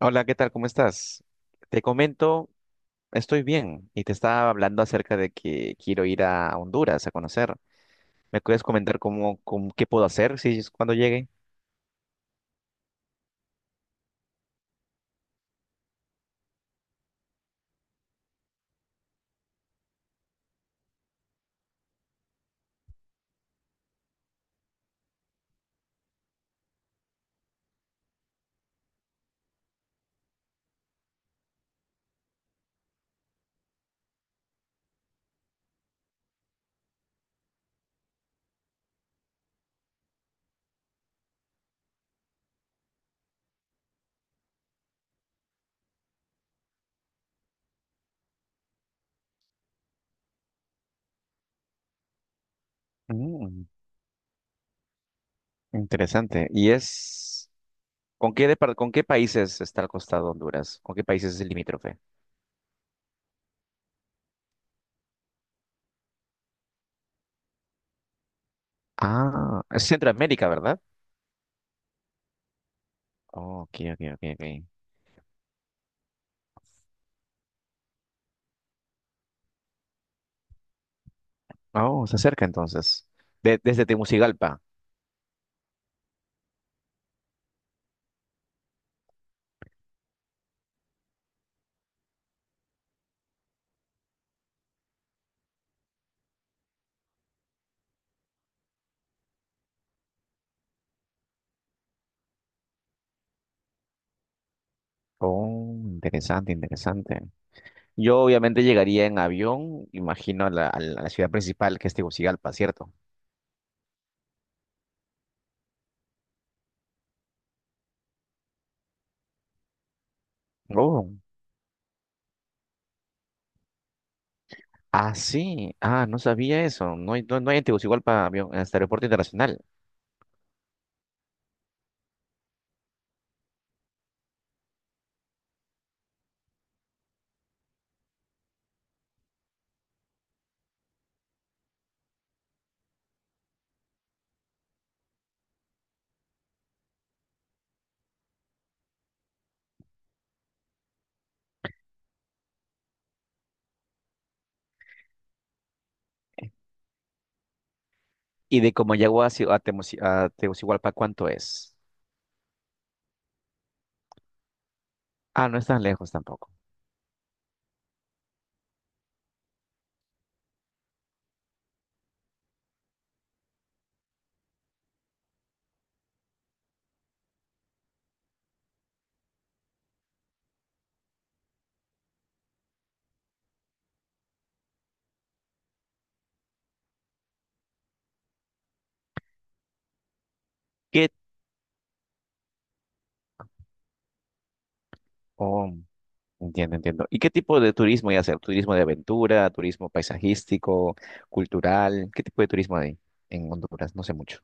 Hola, ¿qué tal? ¿Cómo estás? Te comento, estoy bien y te estaba hablando acerca de que quiero ir a Honduras a conocer. ¿Me puedes comentar qué puedo hacer si es cuando llegue? Mm, interesante. ¿Y es con qué países está al costado Honduras? ¿Con qué países es el limítrofe? Ah, es Centroamérica, ¿verdad? Oh, ok, ok, ok, ok. Oh, se acerca entonces. Desde Tegucigalpa. Oh, interesante, interesante. Yo obviamente llegaría en avión, imagino, a la ciudad principal que es Tegucigalpa, ¿cierto? Oh. Ah, sí. Ah, no sabía eso. No hay en Tegucigalpa avión, en este aeropuerto internacional. ¿Y de Comayagua a, Tegucigalpa cuánto es? Ah, no es tan lejos tampoco. ¿Qué? Oh, entiendo, entiendo. ¿Y qué tipo de turismo hay hacer? ¿Turismo de aventura, turismo paisajístico, cultural? ¿Qué tipo de turismo hay en Honduras? No sé mucho.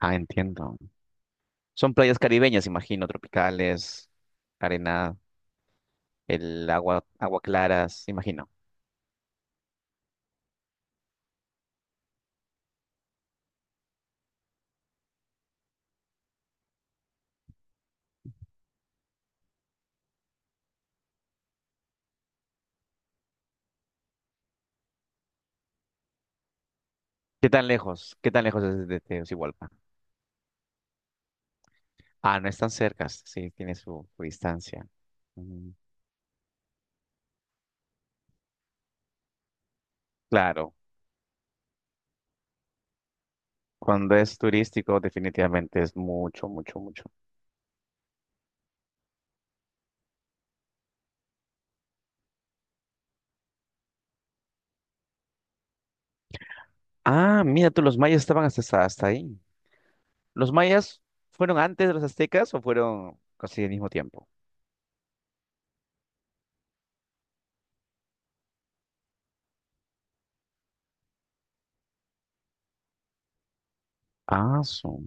Ah, entiendo. Son playas caribeñas, imagino, tropicales, arena. El agua claras, imagino. ¿Qué tan lejos? ¿Qué tan lejos es de Tegucigalpa? Ah, no es tan cerca, sí, tiene su distancia. Mm. Claro, cuando es turístico, definitivamente es mucho, mucho, mucho. Ah, mira tú, los mayas estaban hasta ahí. ¿Los mayas fueron antes de los aztecas o fueron casi al mismo tiempo? Ah, su-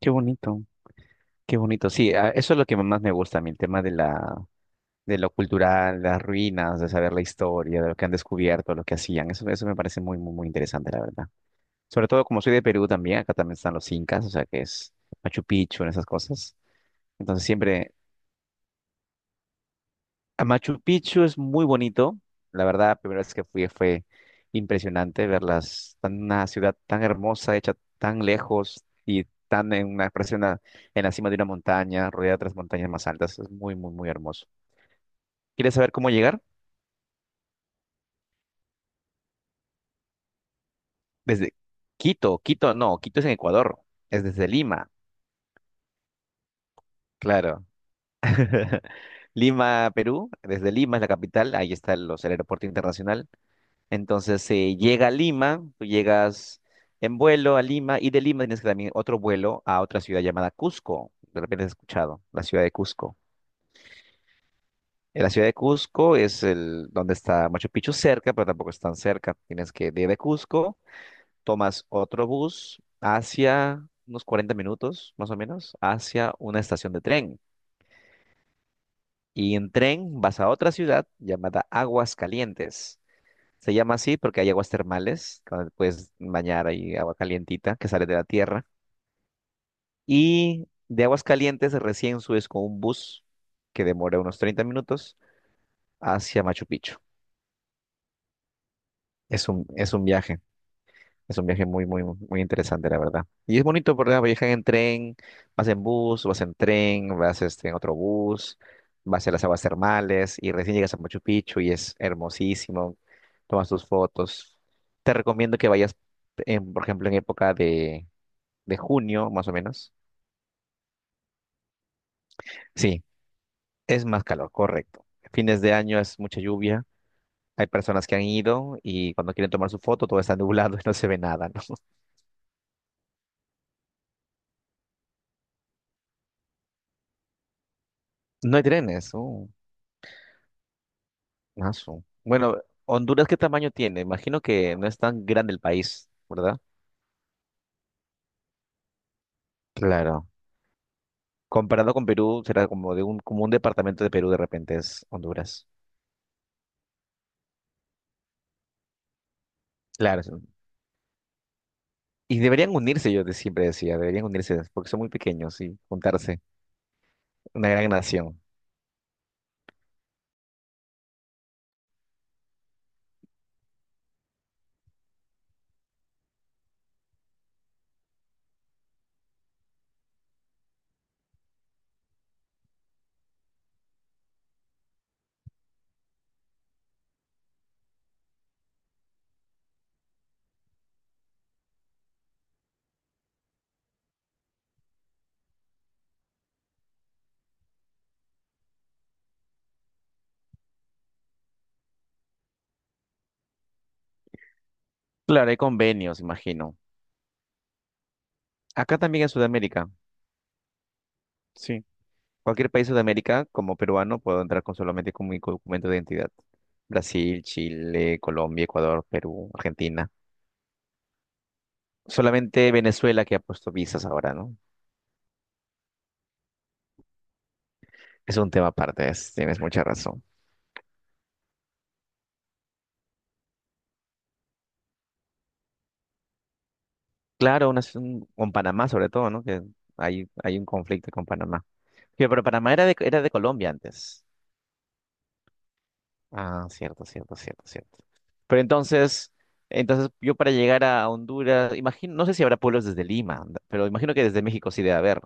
¡Qué bonito, qué bonito! Sí, ah, eso es lo que más me gusta a mí, el tema de la de lo cultural, las ruinas, de saber la historia, de lo que han descubierto, lo que hacían. Eso me parece muy, muy, muy interesante, la verdad. Sobre todo como soy de Perú también, acá también están los incas, o sea que es Machu Picchu, en esas cosas. Entonces siempre, a Machu Picchu es muy bonito. La verdad, la primera vez que fui fue impresionante verlas, tan, una ciudad tan hermosa, hecha tan lejos y tan en la cima de una montaña, rodeada de otras montañas más altas. Es muy, muy, muy hermoso. ¿Quieres saber cómo llegar? Desde Quito, Quito, no, Quito es en Ecuador, es desde Lima, claro. Lima, Perú, desde Lima es la capital, ahí está el aeropuerto internacional. Entonces se llega a Lima, tú llegas en vuelo a Lima y de Lima tienes que también otro vuelo a otra ciudad llamada Cusco. De repente has escuchado, la ciudad de Cusco. La ciudad de Cusco es el donde está Machu Picchu cerca, pero tampoco es tan cerca. Tienes que de Cusco tomas otro bus hacia unos 40 minutos, más o menos, hacia una estación de tren. Y en tren vas a otra ciudad llamada Aguas Calientes. Se llama así porque hay aguas termales, donde te puedes bañar, hay agua calientita que sale de la tierra. Y de Aguas Calientes recién subes con un bus que demora unos 30 minutos hacia Machu Picchu. Es un viaje. Es un viaje muy, muy, muy interesante, la verdad. Y es bonito, ¿verdad? Viajan en tren, vas en bus, vas en tren, vas este, en otro bus, vas a las aguas termales y recién llegas a Machu Picchu y es hermosísimo. Tomas tus fotos. Te recomiendo que vayas, en, por ejemplo, en época de junio, más o menos. Sí, es más calor, correcto. Fines de año es mucha lluvia. Hay personas que han ido y cuando quieren tomar su foto todo está nublado y no se ve nada, ¿no? No hay trenes. Oh. Mazo. Bueno, Honduras, ¿qué tamaño tiene? Imagino que no es tan grande el país, ¿verdad? Claro. Comparado con Perú, será como como un departamento de Perú de repente es Honduras. Claro, sí. Y deberían unirse, yo siempre decía, deberían unirse, porque son muy pequeños y juntarse. Una gran nación. Claro, hay convenios, imagino. Acá también en Sudamérica. Sí. Cualquier país de Sudamérica, como peruano, puedo entrar con solamente con mi documento de identidad. Brasil, Chile, Colombia, Ecuador, Perú, Argentina. Solamente Venezuela que ha puesto visas ahora, ¿no? Es un tema aparte, tienes mucha razón. Claro, con Panamá sobre todo, ¿no? Que hay un conflicto con Panamá. Sí, pero Panamá era era de Colombia antes. Ah, cierto, cierto, cierto, cierto. Pero entonces, entonces yo para llegar a Honduras, imagino, no sé si habrá pueblos desde Lima, pero imagino que desde México sí debe haber.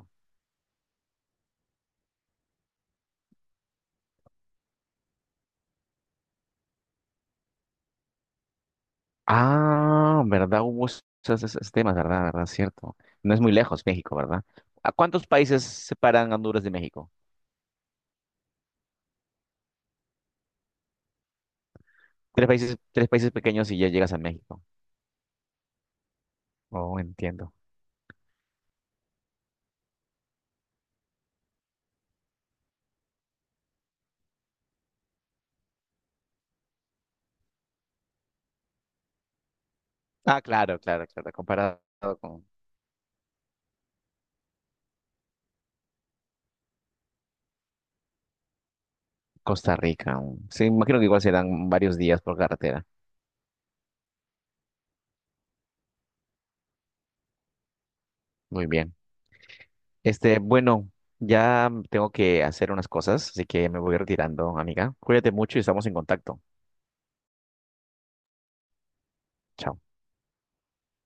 Ah, ¿verdad? Hubo esos, esos temas, ¿verdad? ¿Verdad? Cierto. No es muy lejos México, ¿verdad? ¿A cuántos países separan Honduras de México? Tres países pequeños y ya llegas a México. Oh, entiendo. Ah, claro, claro, claro. Comparado con Costa Rica. Mm. Sí, imagino que igual serán varios días por carretera. Muy bien. Este, bueno, ya tengo que hacer unas cosas, así que me voy retirando, amiga. Cuídate mucho y estamos en contacto. Chao.